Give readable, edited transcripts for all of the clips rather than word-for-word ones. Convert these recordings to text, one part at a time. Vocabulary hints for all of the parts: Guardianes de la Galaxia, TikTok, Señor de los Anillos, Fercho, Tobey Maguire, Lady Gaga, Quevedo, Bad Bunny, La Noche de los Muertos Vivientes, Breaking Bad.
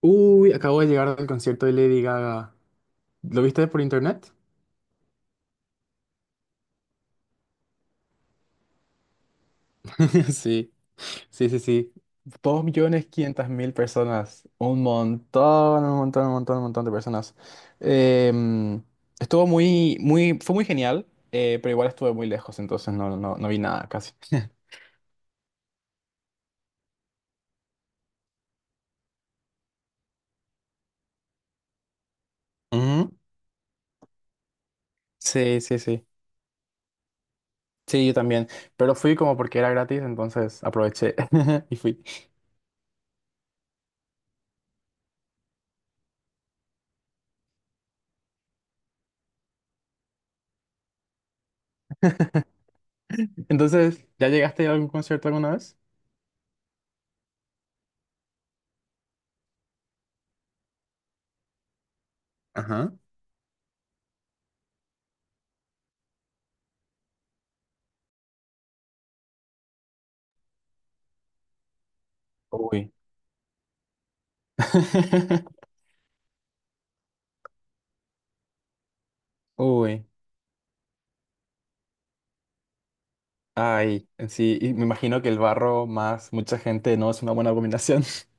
Uy, acabo de llegar del concierto de Lady Gaga. ¿Lo viste por internet? Sí, sí, sí, sí. 2.500.000 personas. Un montón, un montón, un montón, un montón de personas. Em, estuvo muy, fue muy genial, pero igual estuve muy lejos, entonces no vi nada casi. Ujú. Sí, sí, sí. Sí, yo también. Pero fui como porque era gratis, entonces aproveché y fui. Entonces, ¿ya llegaste a algún concierto alguna vez? Ajá. Uy. Uy, ay, sí, y me imagino que el barro más mucha gente no es una buena combinación.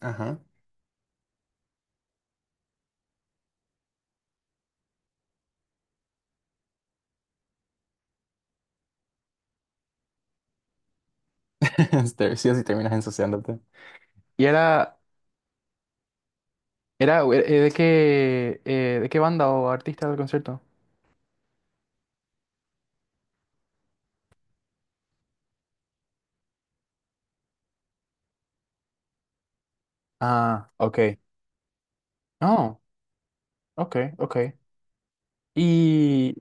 Ajá. Sí o sí terminas ensuciándote. Y era, era ¿ de qué banda o artista del concierto? Ah, ok. Oh, ok, ok. Y...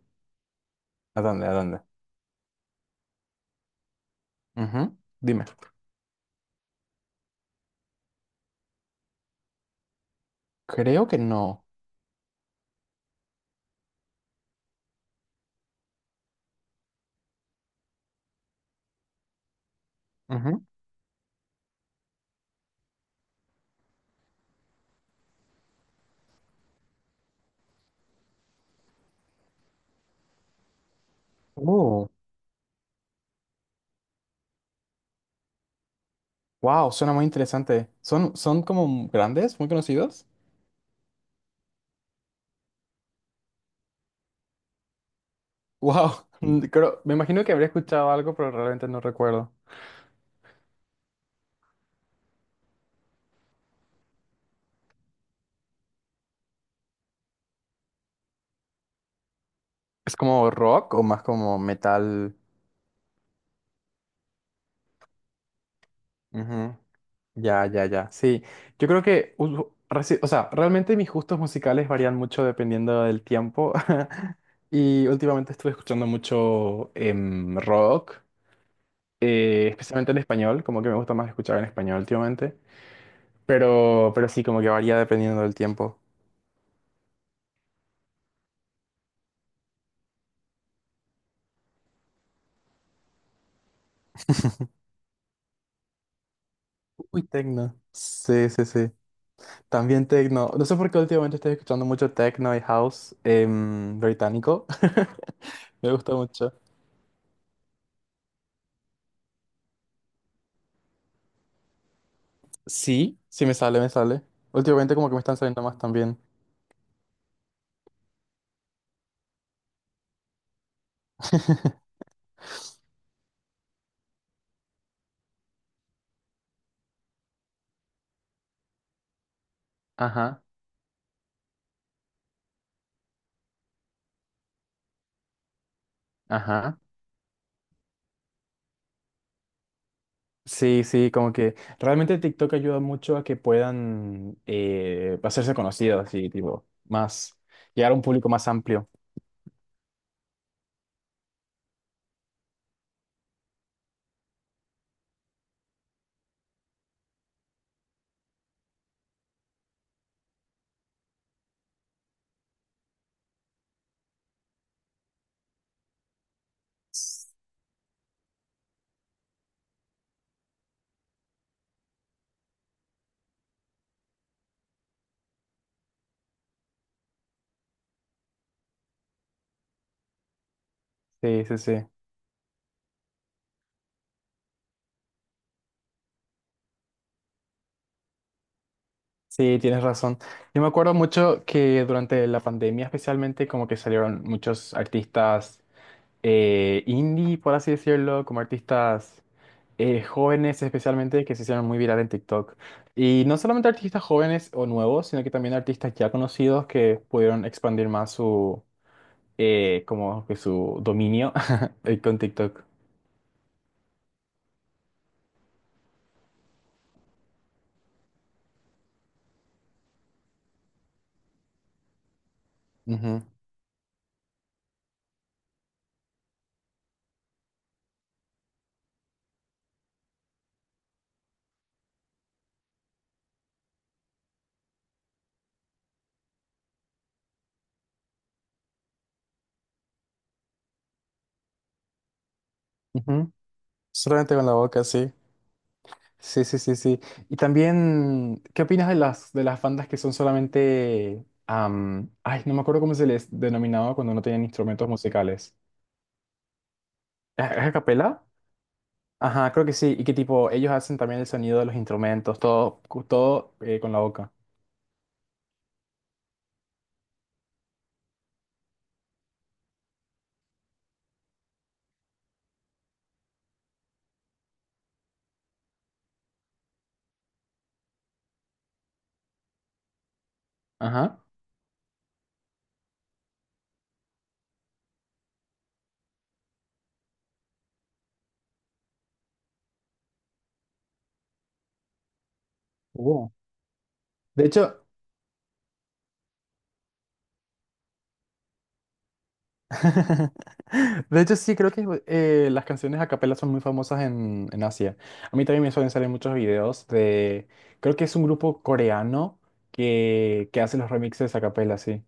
¿A dónde? ¿A dónde? Ujú, dime. Creo que no. Ujú. Oh, wow, suena muy interesante. ¿Son como grandes, muy conocidos? Wow, creo, me imagino que habría escuchado algo, pero realmente no recuerdo. ¿Es como rock o más como metal? Ujú. Ya, ya, ya. Sí, yo creo que, o sea, realmente mis gustos musicales varían mucho dependiendo del tiempo. Y últimamente estuve escuchando mucho rock, especialmente en español, como que me gusta más escuchar en español últimamente. Pero sí, como que varía dependiendo del tiempo. Uy, tecno. Sí, sí, sí. También tecno. No sé por qué últimamente estoy escuchando mucho techno y house británico. Me gusta mucho. Sí, me sale. Últimamente como que me están saliendo más también. Ajá, ajá. Sí, sí, como que realmente TikTok ayuda mucho a que puedan hacerse conocidos y tipo más, llegar a un público más amplio. Sí, sí, sí. Sí, tienes razón. Yo me acuerdo mucho que durante la pandemia especialmente como que salieron muchos artistas indie, por así decirlo, como artistas jóvenes especialmente que se hicieron muy viral en TikTok. Y no solamente artistas jóvenes o nuevos, sino que también artistas ya conocidos que pudieron expandir más su como que su dominio con TikTok. Ujú, ujú. Solamente con la boca, sí. Sí, sí, sí, sí. Y también, ¿qué opinas de de las bandas que son solamente... ay, no me acuerdo cómo se les denominaba cuando no tenían instrumentos musicales. ¿Es a capela? Ajá, creo que sí. Y que tipo, ellos hacen también el sonido de los instrumentos, todo, todo con la boca. Ajá. Uh. De hecho, de hecho sí, creo que las canciones a capela son muy famosas en Asia. A mí también me suelen salir muchos videos de, creo que es un grupo coreano que hace los remixes a capela, sí.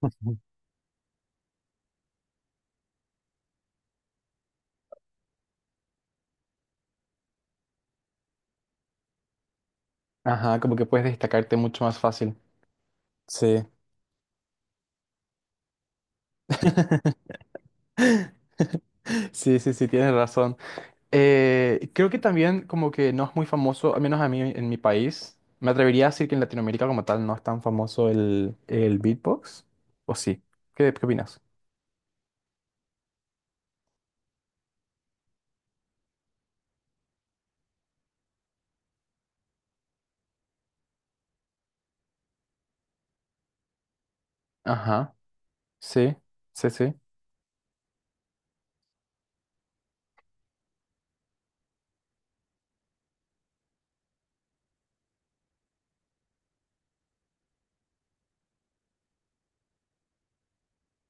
Ujú. Ajá, como que puedes destacarte mucho más fácil. Sí. Sí, sí, sí, tienes razón. Creo que también como que no es muy famoso, al menos a mí en mi país. Me atrevería a decir que en Latinoamérica como tal no es tan famoso el beatbox. ¿O sí? ¿Qué opinas? Ajá. Sí, sí, sí.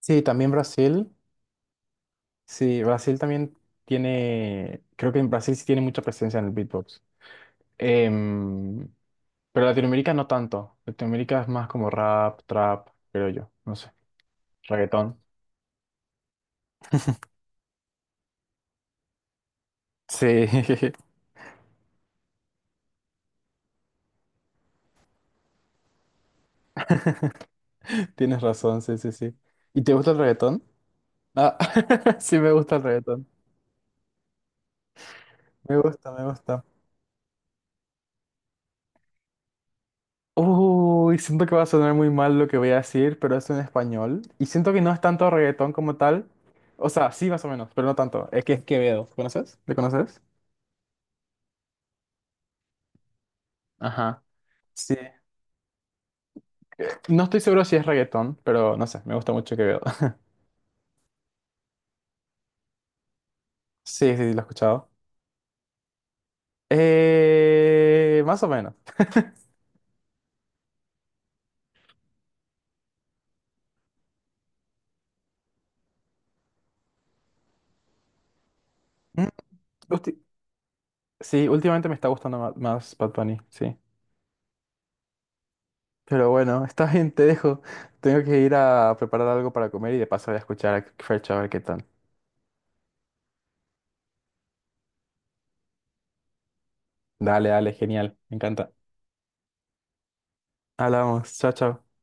Sí, también Brasil. Sí, Brasil también tiene, creo que en Brasil sí tiene mucha presencia en el beatbox. Em, pero Latinoamérica no tanto. Latinoamérica es más como rap, trap, creo yo. No sé. Reggaetón. Sí, tienes razón, sí, sí, sí. ¿Y te gusta el reggaetón? Ah, sí me gusta el reggaetón. Me gusta, me gusta. Uy, siento que va a sonar muy mal lo que voy a decir, pero es en español. Y siento que no es tanto reggaetón como tal. O sea, sí, más o menos, pero no tanto. Es que es Quevedo. ¿Conoces? ¿Le conoces? Ajá. Sí. No estoy seguro si es reggaetón, pero no sé, me gusta mucho Quevedo. Sí, sí, lo he escuchado. Más o menos. Mm, ulti- sí, últimamente me está gustando más Bad Bunny, sí. Pero bueno, está bien, te dejo. Tengo que ir a preparar algo para comer y de paso voy a escuchar a Fercho a ver qué tal. Dale, dale, genial, me encanta. Hablamos, chao, chao.